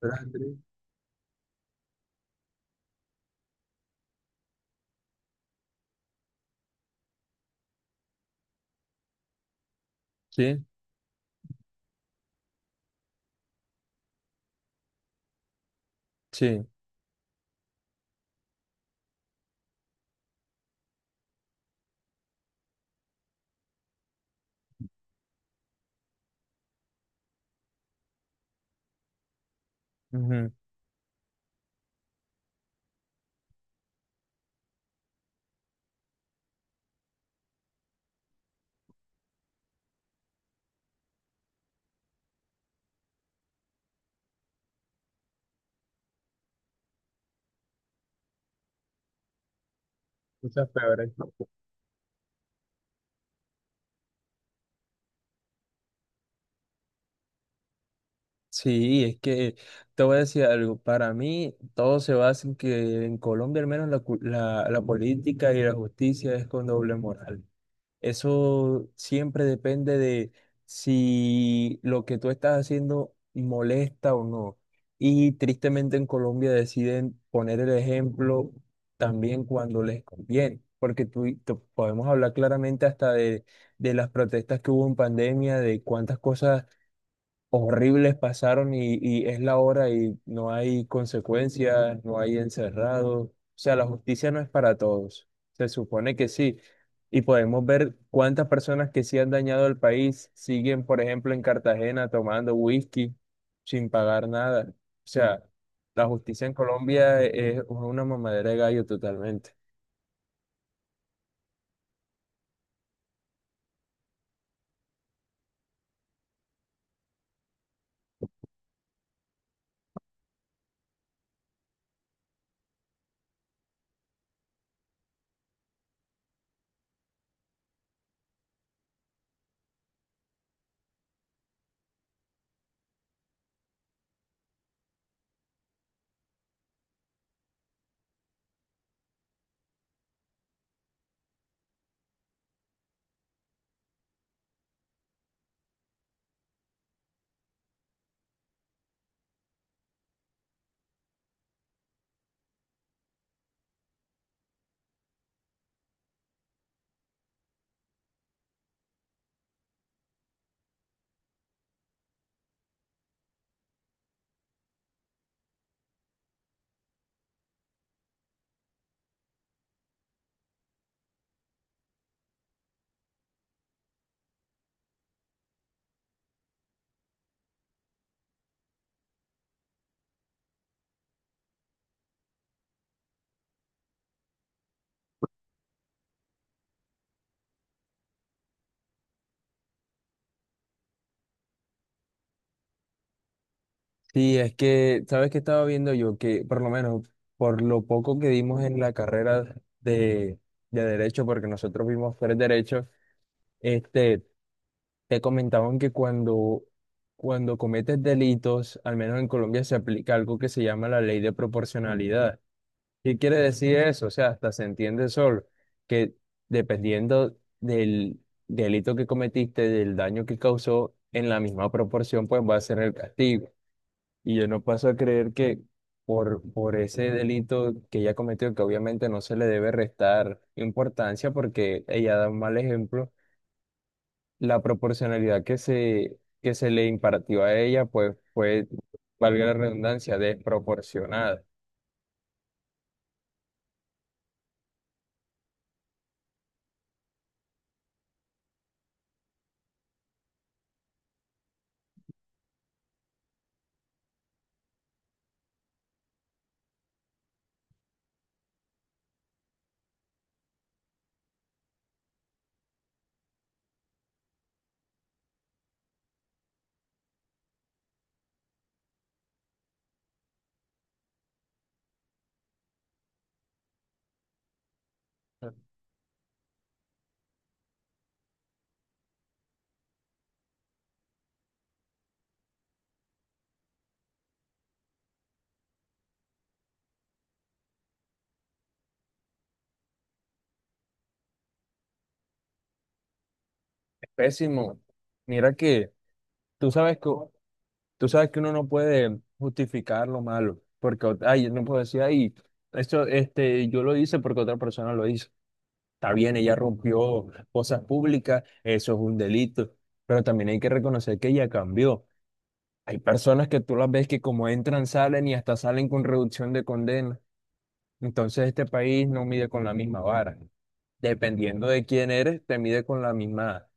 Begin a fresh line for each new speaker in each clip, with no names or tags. Gracias. Sí, sí. Ujú. Muchas peores. Sí, es que te voy a decir algo. Para mí, todo se basa en que en Colombia, al menos, la política y la justicia es con doble moral. Eso siempre depende de si lo que tú estás haciendo molesta o no. Y tristemente en Colombia deciden poner el ejemplo también cuando les conviene, porque podemos hablar claramente hasta de las protestas que hubo en pandemia, de cuántas cosas horribles pasaron y es la hora y no hay consecuencias, no hay encerrados. O sea, la justicia no es para todos. Se supone que sí. Y podemos ver cuántas personas que sí han dañado al país siguen, por ejemplo, en Cartagena tomando whisky sin pagar nada. O sea, la justicia en Colombia es una mamadera de gallo totalmente. Sí, es que, ¿sabes qué estaba viendo yo? Que por lo menos por lo poco que dimos en la carrera de, de derecho, porque nosotros vimos tres derechos, este, te comentaban que cuando cometes delitos, al menos en Colombia se aplica algo que se llama la ley de proporcionalidad. ¿Qué quiere decir eso? O sea, hasta se entiende solo que dependiendo del delito que cometiste, del daño que causó, en la misma proporción, pues va a ser el castigo. Y yo no paso a creer que por ese delito que ella cometió, que obviamente no se le debe restar importancia porque ella da un mal ejemplo, la proporcionalidad que se le impartió a ella, pues fue, valga la redundancia, desproporcionada. Es pésimo. Mira que tú sabes que, tú sabes que uno no puede justificar lo malo, porque, ay, no puedo decir, ay, yo lo hice porque otra persona lo hizo. Está bien, ella rompió cosas públicas, eso es un delito, pero también hay que reconocer que ella cambió. Hay personas que tú las ves que como entran, salen y hasta salen con reducción de condena. Entonces este país no mide con la misma vara. Dependiendo de quién eres, te mide con la misma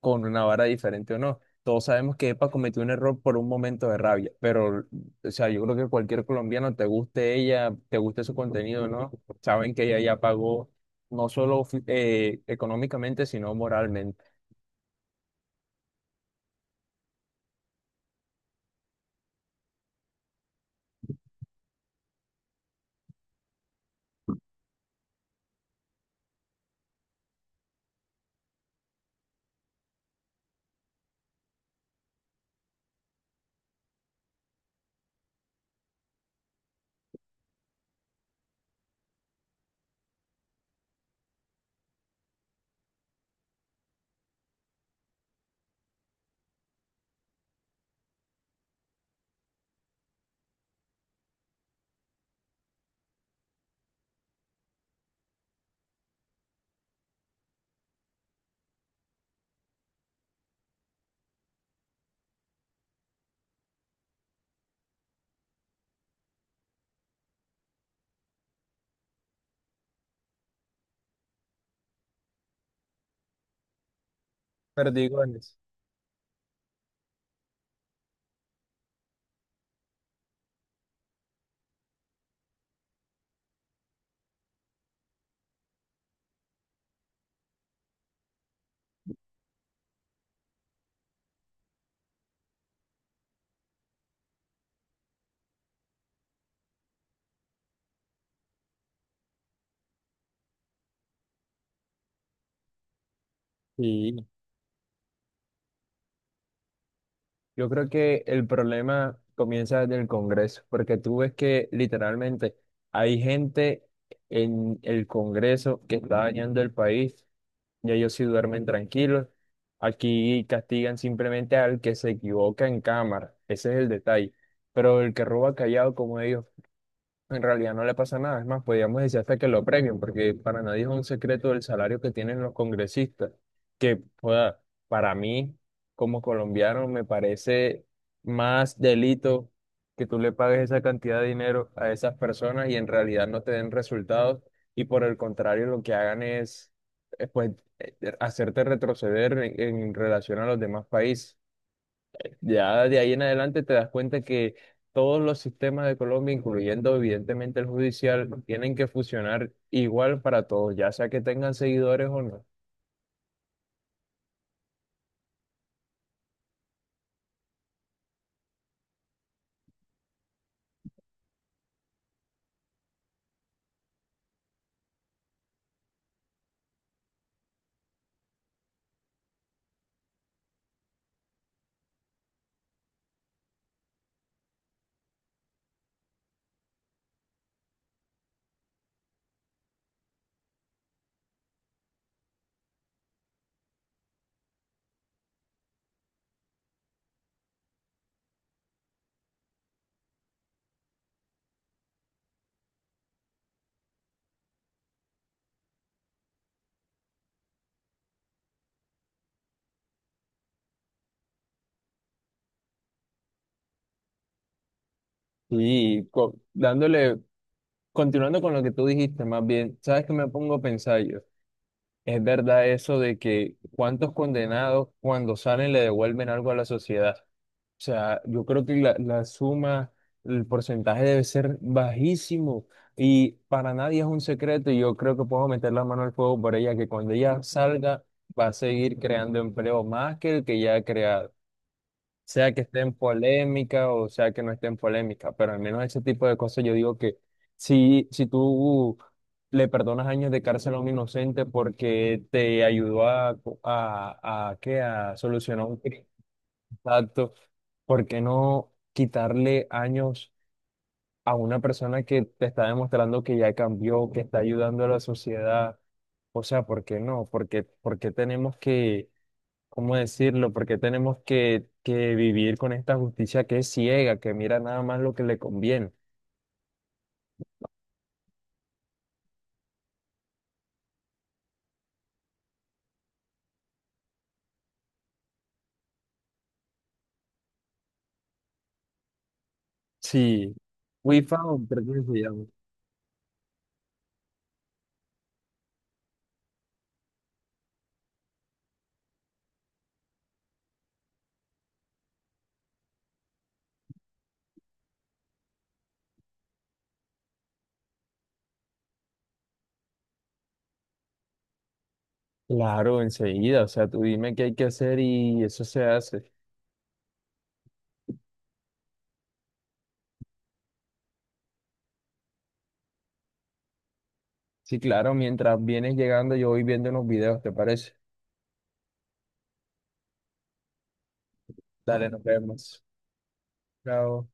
con una vara diferente o no. Todos sabemos que Epa cometió un error por un momento de rabia, pero, o sea, yo creo que cualquier colombiano, te guste ella, te guste su contenido, ¿no? Saben que ella ya pagó no solo económicamente, sino moralmente. Perdigones. Sí, yo creo que el problema comienza desde el Congreso, porque tú ves que literalmente hay gente en el Congreso que está dañando el país, ya ellos sí duermen tranquilos. Aquí castigan simplemente al que se equivoca en cámara, ese es el detalle. Pero el que roba callado como ellos en realidad no le pasa nada, es más, podríamos decir hasta que lo premien, porque para nadie es un secreto el salario que tienen los congresistas, que joda, para mí, como colombiano, me parece más delito que tú le pagues esa cantidad de dinero a esas personas y en realidad no te den resultados y por el contrario lo que hagan es, eh, pues, hacerte retroceder en relación a los demás países. Ya de ahí en adelante te das cuenta que todos los sistemas de Colombia, incluyendo evidentemente el judicial, tienen que funcionar igual para todos, ya sea que tengan seguidores o no. Y dándole, continuando con lo que tú dijiste, más bien, ¿sabes qué me pongo a pensar yo? Es verdad eso de que cuántos condenados cuando salen le devuelven algo a la sociedad. O sea, yo creo que la suma, el porcentaje debe ser bajísimo y para nadie es un secreto y yo creo que puedo meter la mano al fuego por ella, que cuando ella salga va a seguir creando empleo más que el que ya ha creado. Sea que esté en polémica o sea que no esté en polémica, pero al menos ese tipo de cosas yo digo que si tú le perdonas años de cárcel a un inocente porque te ayudó a, ¿qué? A solucionar un crimen. Exacto. ¿Por qué no quitarle años a una persona que te está demostrando que ya cambió, que está ayudando a la sociedad? O sea, ¿por qué no? ¿Por qué tenemos que, cómo decirlo? ¿Por qué tenemos que vivir con esta justicia que es ciega, que mira nada más lo que le conviene? Sí. We found, creo que se llama. Claro, enseguida. O sea, tú dime qué hay que hacer y eso se hace. Sí, claro, mientras vienes llegando, yo voy viendo unos videos, ¿te parece? Dale, nos vemos. Chao.